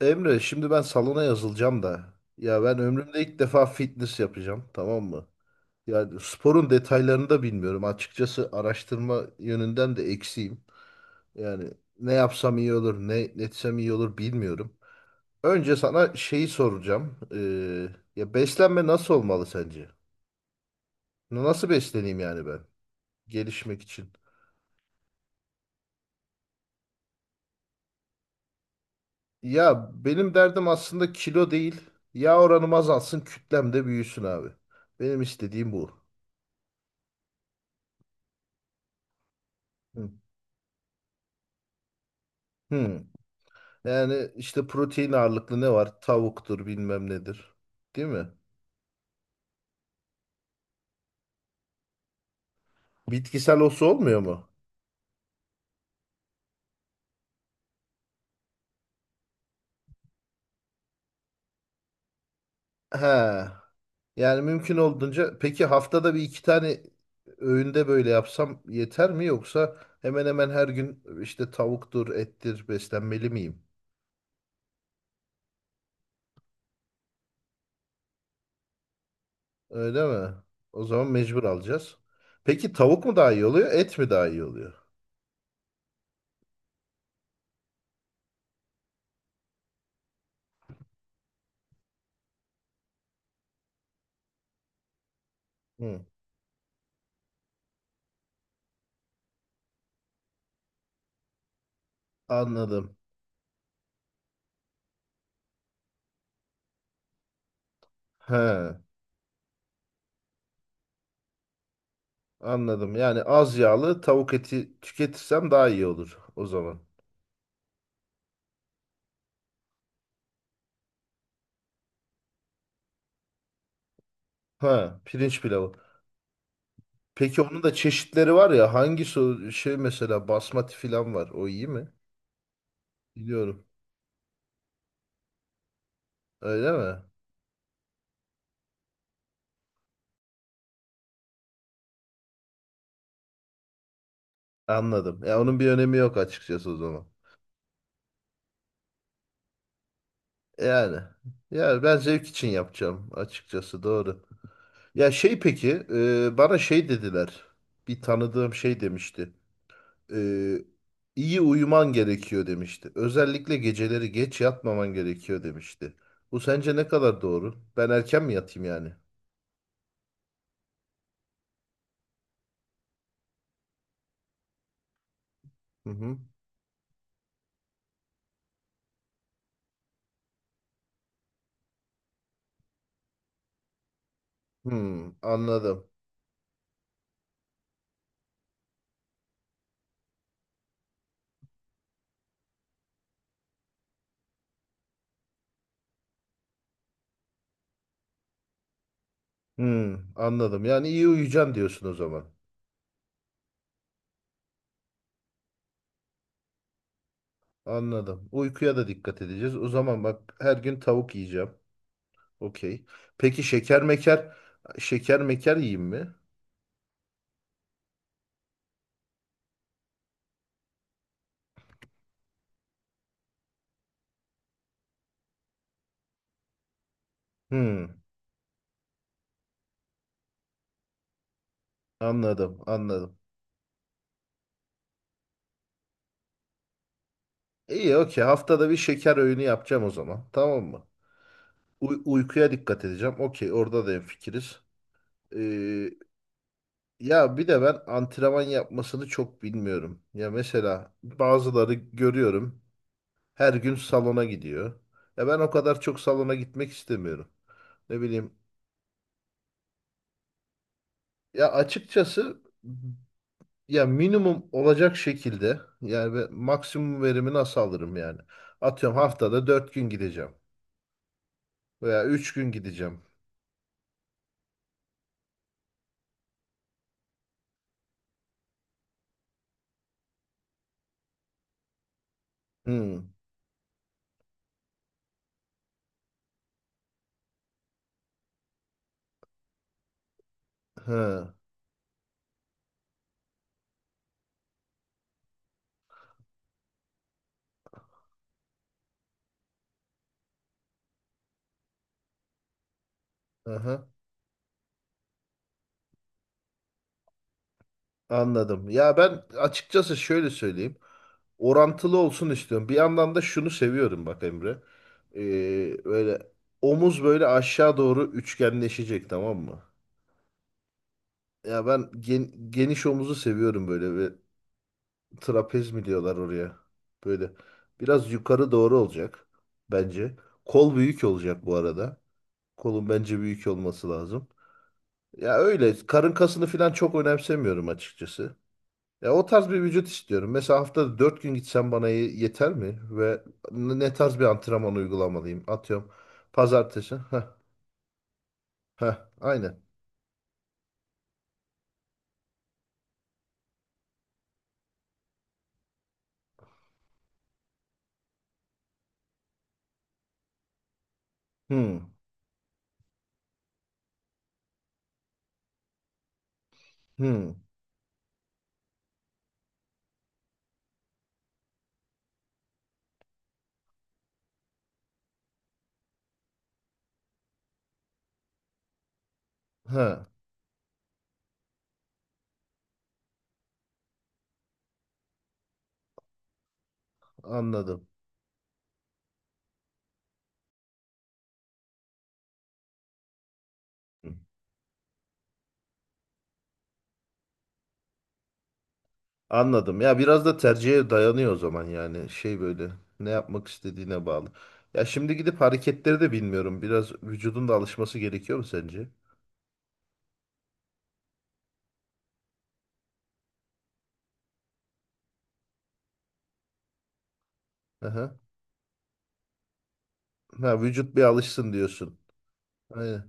Emre, şimdi ben salona yazılacağım da, ya ben ömrümde ilk defa fitness yapacağım, tamam mı? Yani sporun detaylarını da bilmiyorum. Açıkçası araştırma yönünden de eksiğim. Yani ne yapsam iyi olur, ne etsem iyi olur bilmiyorum. Önce sana şeyi soracağım. Ya beslenme nasıl olmalı sence? Nasıl besleneyim yani ben gelişmek için? Ya benim derdim aslında kilo değil. Yağ oranım azalsın, kütlem de büyüsün abi. Benim istediğim bu. Hı. Hmm. Yani işte protein ağırlıklı ne var? Tavuktur, bilmem nedir. Değil mi? Bitkisel olsa olmuyor mu? He. Yani mümkün olduğunca, peki haftada bir iki tane öğünde böyle yapsam yeter mi, yoksa hemen hemen her gün işte tavuktur, ettir beslenmeli miyim? Öyle mi? O zaman mecbur alacağız. Peki tavuk mu daha iyi oluyor, et mi daha iyi oluyor? Hı, anladım. He, anladım. Yani az yağlı tavuk eti tüketirsem daha iyi olur o zaman. Ha, pirinç pilavı. Peki onun da çeşitleri var ya, hangisi, o şey mesela basmati falan var. O iyi mi? Biliyorum. Öyle mi? Anladım. Ya onun bir önemi yok açıkçası o zaman. Yani. Ya ben zevk için yapacağım açıkçası, doğru. Ya şey, peki, bana şey dediler. Bir tanıdığım şey demişti. E, iyi uyuman gerekiyor demişti. Özellikle geceleri geç yatmaman gerekiyor demişti. Bu sence ne kadar doğru? Ben erken mi yatayım yani? Hı hı. Hmm, anladım. Hmm, anladım. Yani iyi uyuyacaksın diyorsun o zaman. Anladım. Uykuya da dikkat edeceğiz. O zaman bak, her gün tavuk yiyeceğim. Okey. Peki şeker meker yiyeyim mi? Hmm, anladım, anladım. İyi, okey. Haftada bir şeker öğünü yapacağım o zaman. Tamam mı? Uykuya dikkat edeceğim. Okey, orada da hemfikiriz. Ee, Ya bir de ben antrenman yapmasını çok bilmiyorum. Ya mesela bazıları görüyorum. Her gün salona gidiyor. Ya ben o kadar çok salona gitmek istemiyorum. Ne bileyim. Ya açıkçası, ya minimum olacak şekilde yani, ve maksimum verimi nasıl alırım yani? Atıyorum haftada 4 gün gideceğim veya 3 gün gideceğim. Hmm. Ha. Aha. Anladım. Ya ben açıkçası şöyle söyleyeyim. Orantılı olsun istiyorum. Bir yandan da şunu seviyorum bak Emre. Böyle omuz böyle aşağı doğru üçgenleşecek, tamam mı? Ya ben geniş omuzu seviyorum böyle, ve trapez mi diyorlar oraya. Böyle biraz yukarı doğru olacak bence. Kol büyük olacak bu arada. Kolun bence büyük olması lazım. Ya öyle karın kasını falan çok önemsemiyorum açıkçası. Ya o tarz bir vücut istiyorum. Mesela haftada 4 gün gitsem bana yeter mi? Ve ne tarz bir antrenman uygulamalıyım? Atıyorum pazartesi. Heh, heh, aynen. Hmm, hmm, heh, anladım. Anladım. Ya biraz da tercihe dayanıyor o zaman, yani şey, böyle ne yapmak istediğine bağlı. Ya şimdi gidip hareketleri de bilmiyorum. Biraz vücudun da alışması gerekiyor mu sence? Aha. Ha, vücut bir alışsın diyorsun. Aynen.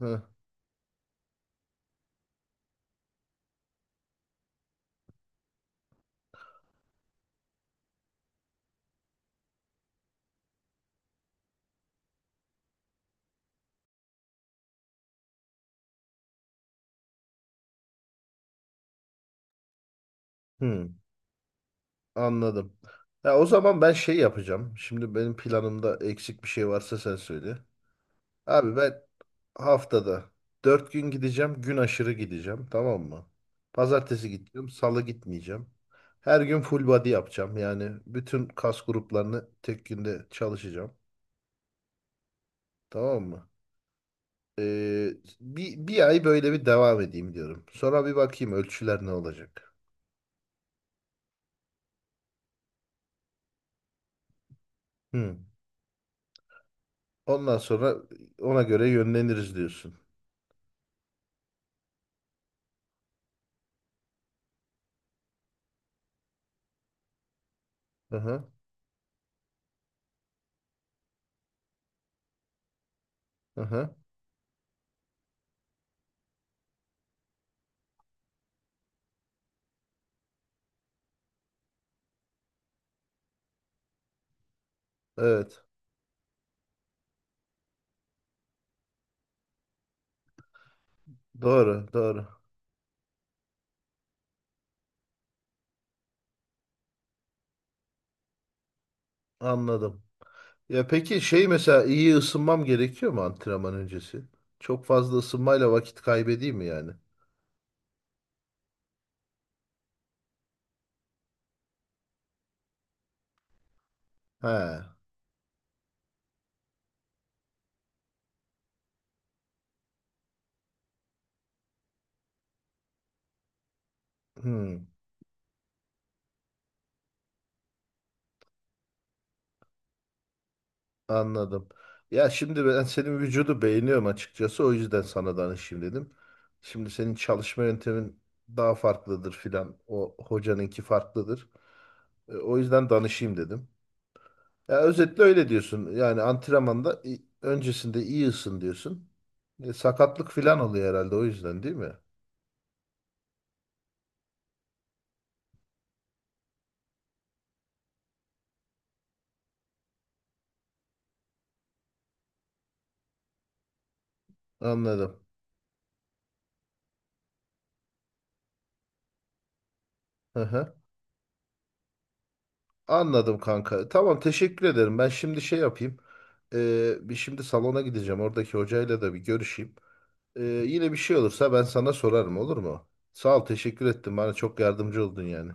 Ha. Hmm, anladım. Ya o zaman ben şey yapacağım. Şimdi benim planımda eksik bir şey varsa sen söyle. Abi ben haftada 4 gün gideceğim. Gün aşırı gideceğim. Tamam mı? Pazartesi gideceğim. Salı gitmeyeceğim. Her gün full body yapacağım. Yani bütün kas gruplarını tek günde çalışacağım. Tamam mı? Ee, bir ay böyle bir devam edeyim diyorum. Sonra bir bakayım ölçüler ne olacak. Hı. Ondan sonra ona göre yönleniriz diyorsun. Hı hı. Hı hı. Evet. Doğru. Doğru. Anladım. Ya peki şey, mesela iyi ısınmam gerekiyor mu antrenman öncesi? Çok fazla ısınmayla vakit kaybedeyim mi yani? He. Hmm, anladım. Ya şimdi ben senin vücudu beğeniyorum açıkçası. O yüzden sana danışayım dedim. Şimdi senin çalışma yöntemin daha farklıdır filan. O hocanınki farklıdır. O yüzden danışayım dedim. Ya özetle öyle diyorsun. Yani antrenmanda, öncesinde iyi ısın diyorsun. Sakatlık filan oluyor herhalde, o yüzden değil mi? Anladım. Hı hı. Anladım kanka. Tamam, teşekkür ederim. Ben şimdi şey yapayım. Bir şimdi salona gideceğim. Oradaki hocayla da bir görüşeyim. Ee, Yine bir şey olursa ben sana sorarım, olur mu? Sağ ol, teşekkür ettim. Bana çok yardımcı oldun yani.